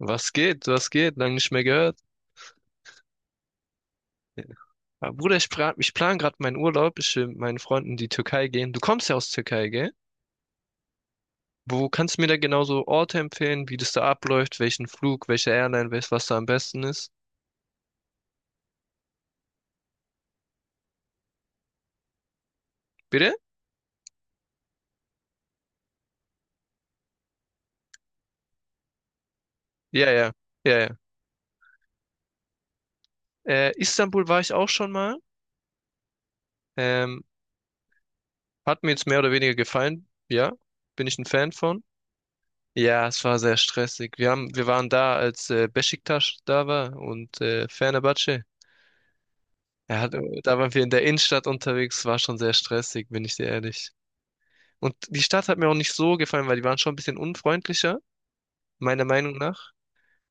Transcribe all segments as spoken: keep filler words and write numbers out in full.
Was geht? Was geht? Lange nicht mehr gehört. Aber Bruder, ich plan, ich plan gerade meinen Urlaub. Ich will mit meinen Freunden in die Türkei gehen. Du kommst ja aus Türkei, gell? Wo kannst du mir da genauso Orte empfehlen, wie das da abläuft, welchen Flug, welche Airline, welches, was da am besten ist? Bitte? Ja, ja, ja, ja. Äh, Istanbul war ich auch schon mal. Ähm, hat mir jetzt mehr oder weniger gefallen. Ja, bin ich ein Fan von. Ja, es war sehr stressig. Wir haben, wir waren da, als äh, Beşiktaş da war und äh, Fenerbahçe. Er hat, da waren wir in der Innenstadt unterwegs, war schon sehr stressig, bin ich dir ehrlich. Und die Stadt hat mir auch nicht so gefallen, weil die waren schon ein bisschen unfreundlicher, meiner Meinung nach.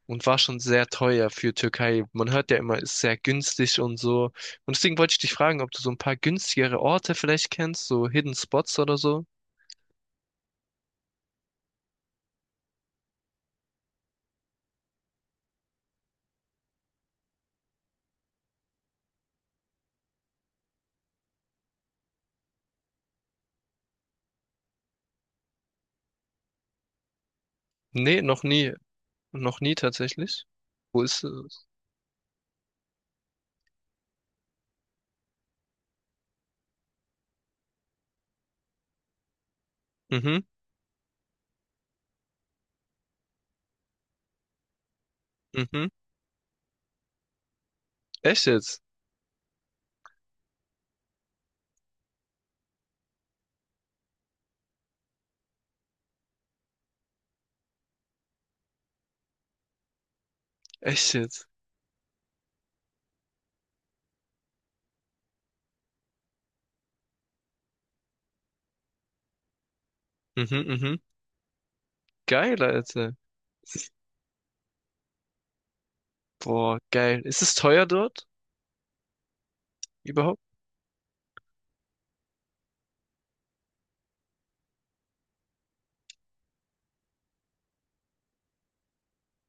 Und war schon sehr teuer für Türkei. Man hört ja immer, ist sehr günstig und so. Und deswegen wollte ich dich fragen, ob du so ein paar günstigere Orte vielleicht kennst, so Hidden Spots oder so. Nee, noch nie. Noch nie tatsächlich. Wo ist es? Mhm, mhm. Echt jetzt? Echt jetzt? Mhm, mhm. Geil, Alter. Boah, geil. Ist es teuer dort? Überhaupt?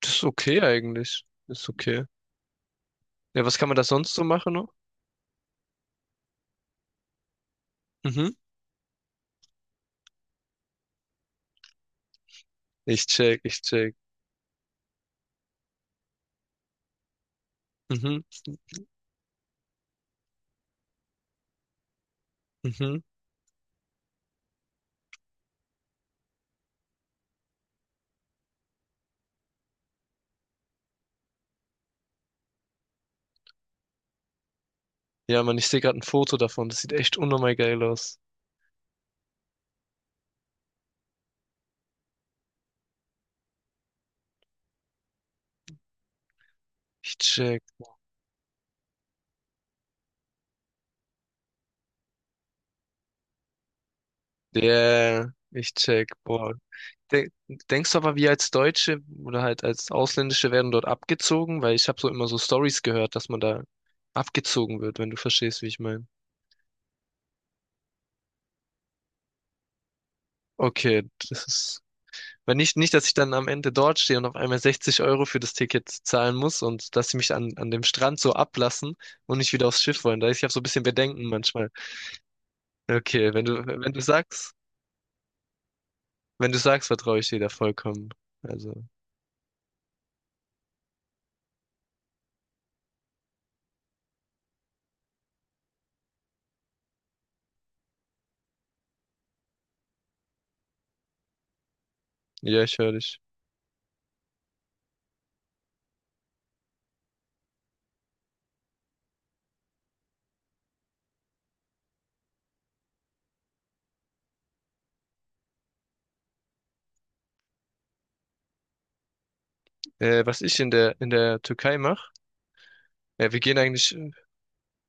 Das ist okay eigentlich. Ist okay. Ja, was kann man da sonst so machen noch? Mhm. Ich check, ich check. Mhm, mhm. Ja, Mann, ich sehe gerade ein Foto davon. Das sieht echt unnormal geil aus. Ich check. Yeah, ich check. Boah. De denkst du aber, wir als Deutsche oder halt als Ausländische werden dort abgezogen? Weil ich habe so immer so Stories gehört, dass man da abgezogen wird, wenn du verstehst, wie ich meine. Okay. das ist Weil nicht, nicht, dass ich dann am Ende dort stehe und auf einmal sechzig Euro für das Ticket zahlen muss und dass sie mich an, an dem Strand so ablassen und nicht wieder aufs Schiff wollen. Da ich habe so ein bisschen Bedenken manchmal. Okay, wenn du, wenn du sagst, wenn du sagst, vertraue ich dir da vollkommen. Also, ja, ich höre dich. Äh, was ich in der, in der Türkei mache, äh, wir gehen eigentlich,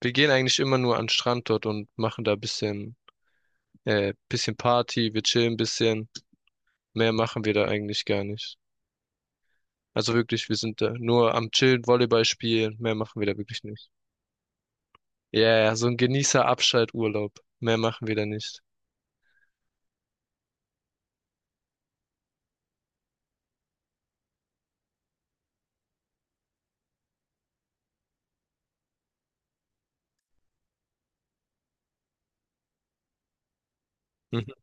wir gehen eigentlich immer nur an den Strand dort und machen da ein bisschen, äh, bisschen Party, wir chillen ein bisschen. Mehr machen wir da eigentlich gar nicht. Also wirklich, wir sind da nur am Chillen, Volleyball spielen. Mehr machen wir da wirklich nicht. Ja, yeah, so ein Genießer-Abschalturlaub. Mehr machen wir da nicht. Mhm.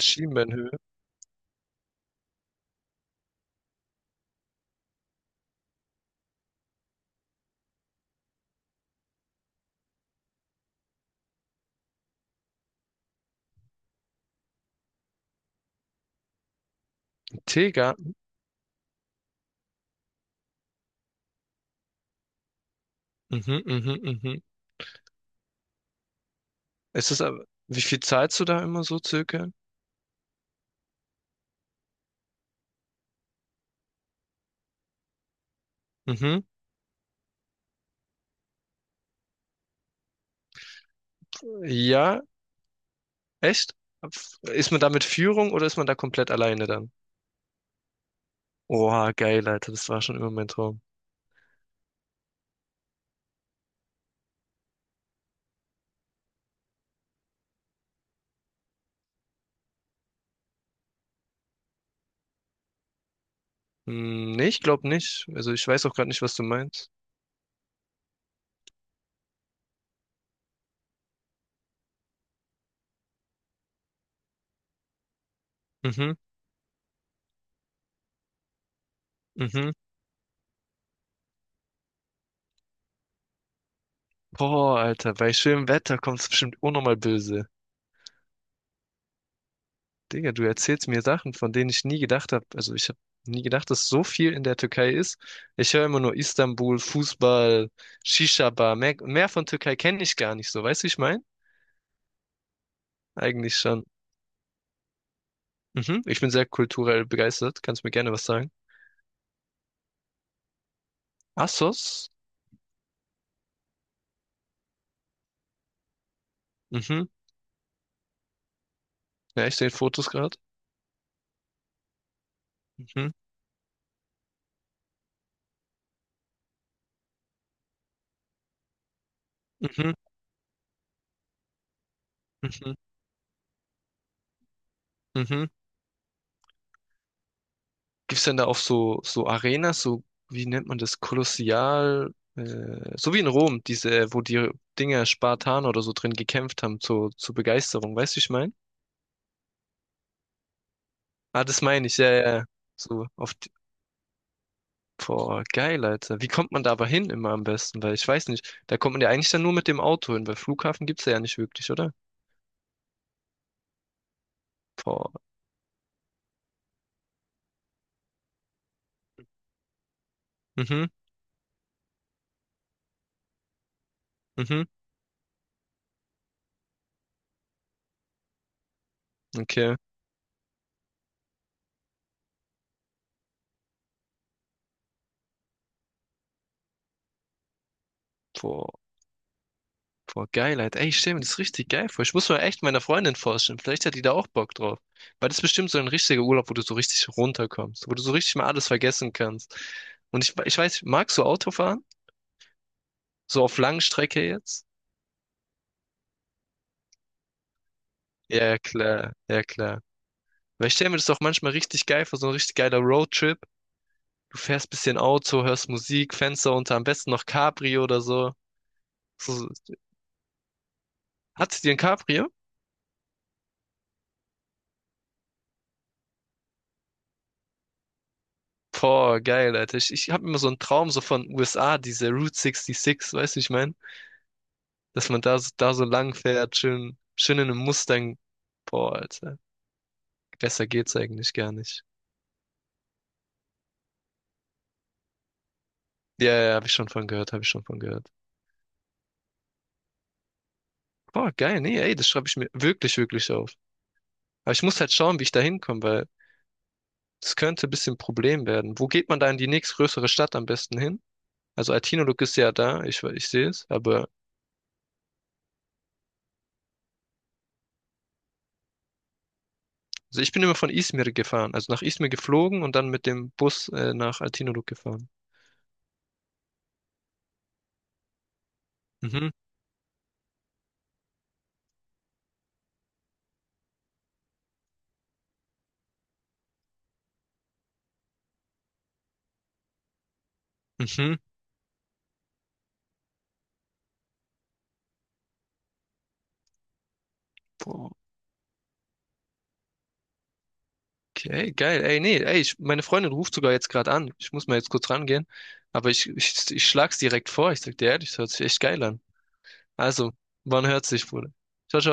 Schienbeinhöhe. Tega. Mhm, mhm, mhm. Es ist das aber, wie viel zahlst du da immer so circa? Mhm. Ja, echt? Ist man da mit Führung oder ist man da komplett alleine dann? Oha, geil, Alter, das war schon immer mein Traum. Hm, nee, ich glaube nicht. Also ich weiß auch gerade nicht, was du meinst. Mhm, mhm. Boah, Alter, bei schönem Wetter kommt's bestimmt auch nochmal böse. Digga, du erzählst mir Sachen, von denen ich nie gedacht habe. Also ich habe nie gedacht, dass so viel in der Türkei ist. Ich höre immer nur Istanbul, Fußball, Shisha-Bar. Mehr, mehr von Türkei kenne ich gar nicht so. Weißt du, wie ich meine? Eigentlich schon. Mhm. Ich bin sehr kulturell begeistert. Kannst mir gerne was sagen. Assos? Mhm. Ja, ich sehe Fotos gerade. Mhm. Mhm. Mhm. Mhm. Gibt's denn da auch so, so Arenas, so, wie nennt man das, Kolossial, äh, so wie in Rom, diese, wo die Dinger Spartaner oder so drin gekämpft haben, zur, zur Begeisterung, weißt du, wie ich meine? Ah, das meine ich, ja, ja, ja. so, auf, die- boah, geil, Alter. Wie kommt man da aber hin immer am besten? Weil ich weiß nicht, da kommt man ja eigentlich dann nur mit dem Auto hin, weil Flughafen gibt's ja nicht wirklich, oder? Boah, mhm, mhm, okay, boah. Boah, geil, Alter. Ey, ich stell mir das richtig geil vor. Ich muss mal echt meiner Freundin vorstellen. Vielleicht hat die da auch Bock drauf. Weil das ist bestimmt so ein richtiger Urlaub, wo du so richtig runterkommst, wo du so richtig mal alles vergessen kannst. Und ich, ich weiß, magst du Autofahren? So auf Langstrecke jetzt? Ja, ja, klar, ja, klar. Weil ich stell mir das auch manchmal richtig geil vor, so ein richtig geiler Roadtrip. Du fährst bisschen Auto, hörst Musik, Fenster unter, am besten noch Cabrio oder so. so hat sie dir ein Cabrio? Boah, geil, Alter. Ich, ich habe immer so einen Traum so von U S A, diese Route sechsundsechzig, weißt du, wie ich meine? dass man da, so- da so lang fährt, schön, schön in einem Mustang. Boah, Alter. Besser geht's eigentlich gar nicht. Ja, ja, habe ich schon von gehört, habe ich schon von gehört. Boah, geil, nee, ey, das schreibe ich mir wirklich, wirklich auf. Aber ich muss halt schauen, wie ich da hinkomme, weil das könnte ein bisschen ein Problem werden. Wo geht man da in die nächstgrößere Stadt am besten hin? Also Altinoluk ist ja da, ich, ich sehe es, aber also ich bin immer von Izmir gefahren, also nach Izmir geflogen und dann mit dem Bus äh, nach Altinoluk gefahren. Mhm, mhm. Boah. Okay, geil. Ey, nee, ey, ich, meine Freundin ruft sogar jetzt gerade an. Ich muss mal jetzt kurz rangehen. Aber ich, ich, ich schlag's direkt vor. Ich sag dir ehrlich, das hört sich echt geil an. Also, wann hört's sich, Bruder? Ciao, ciao.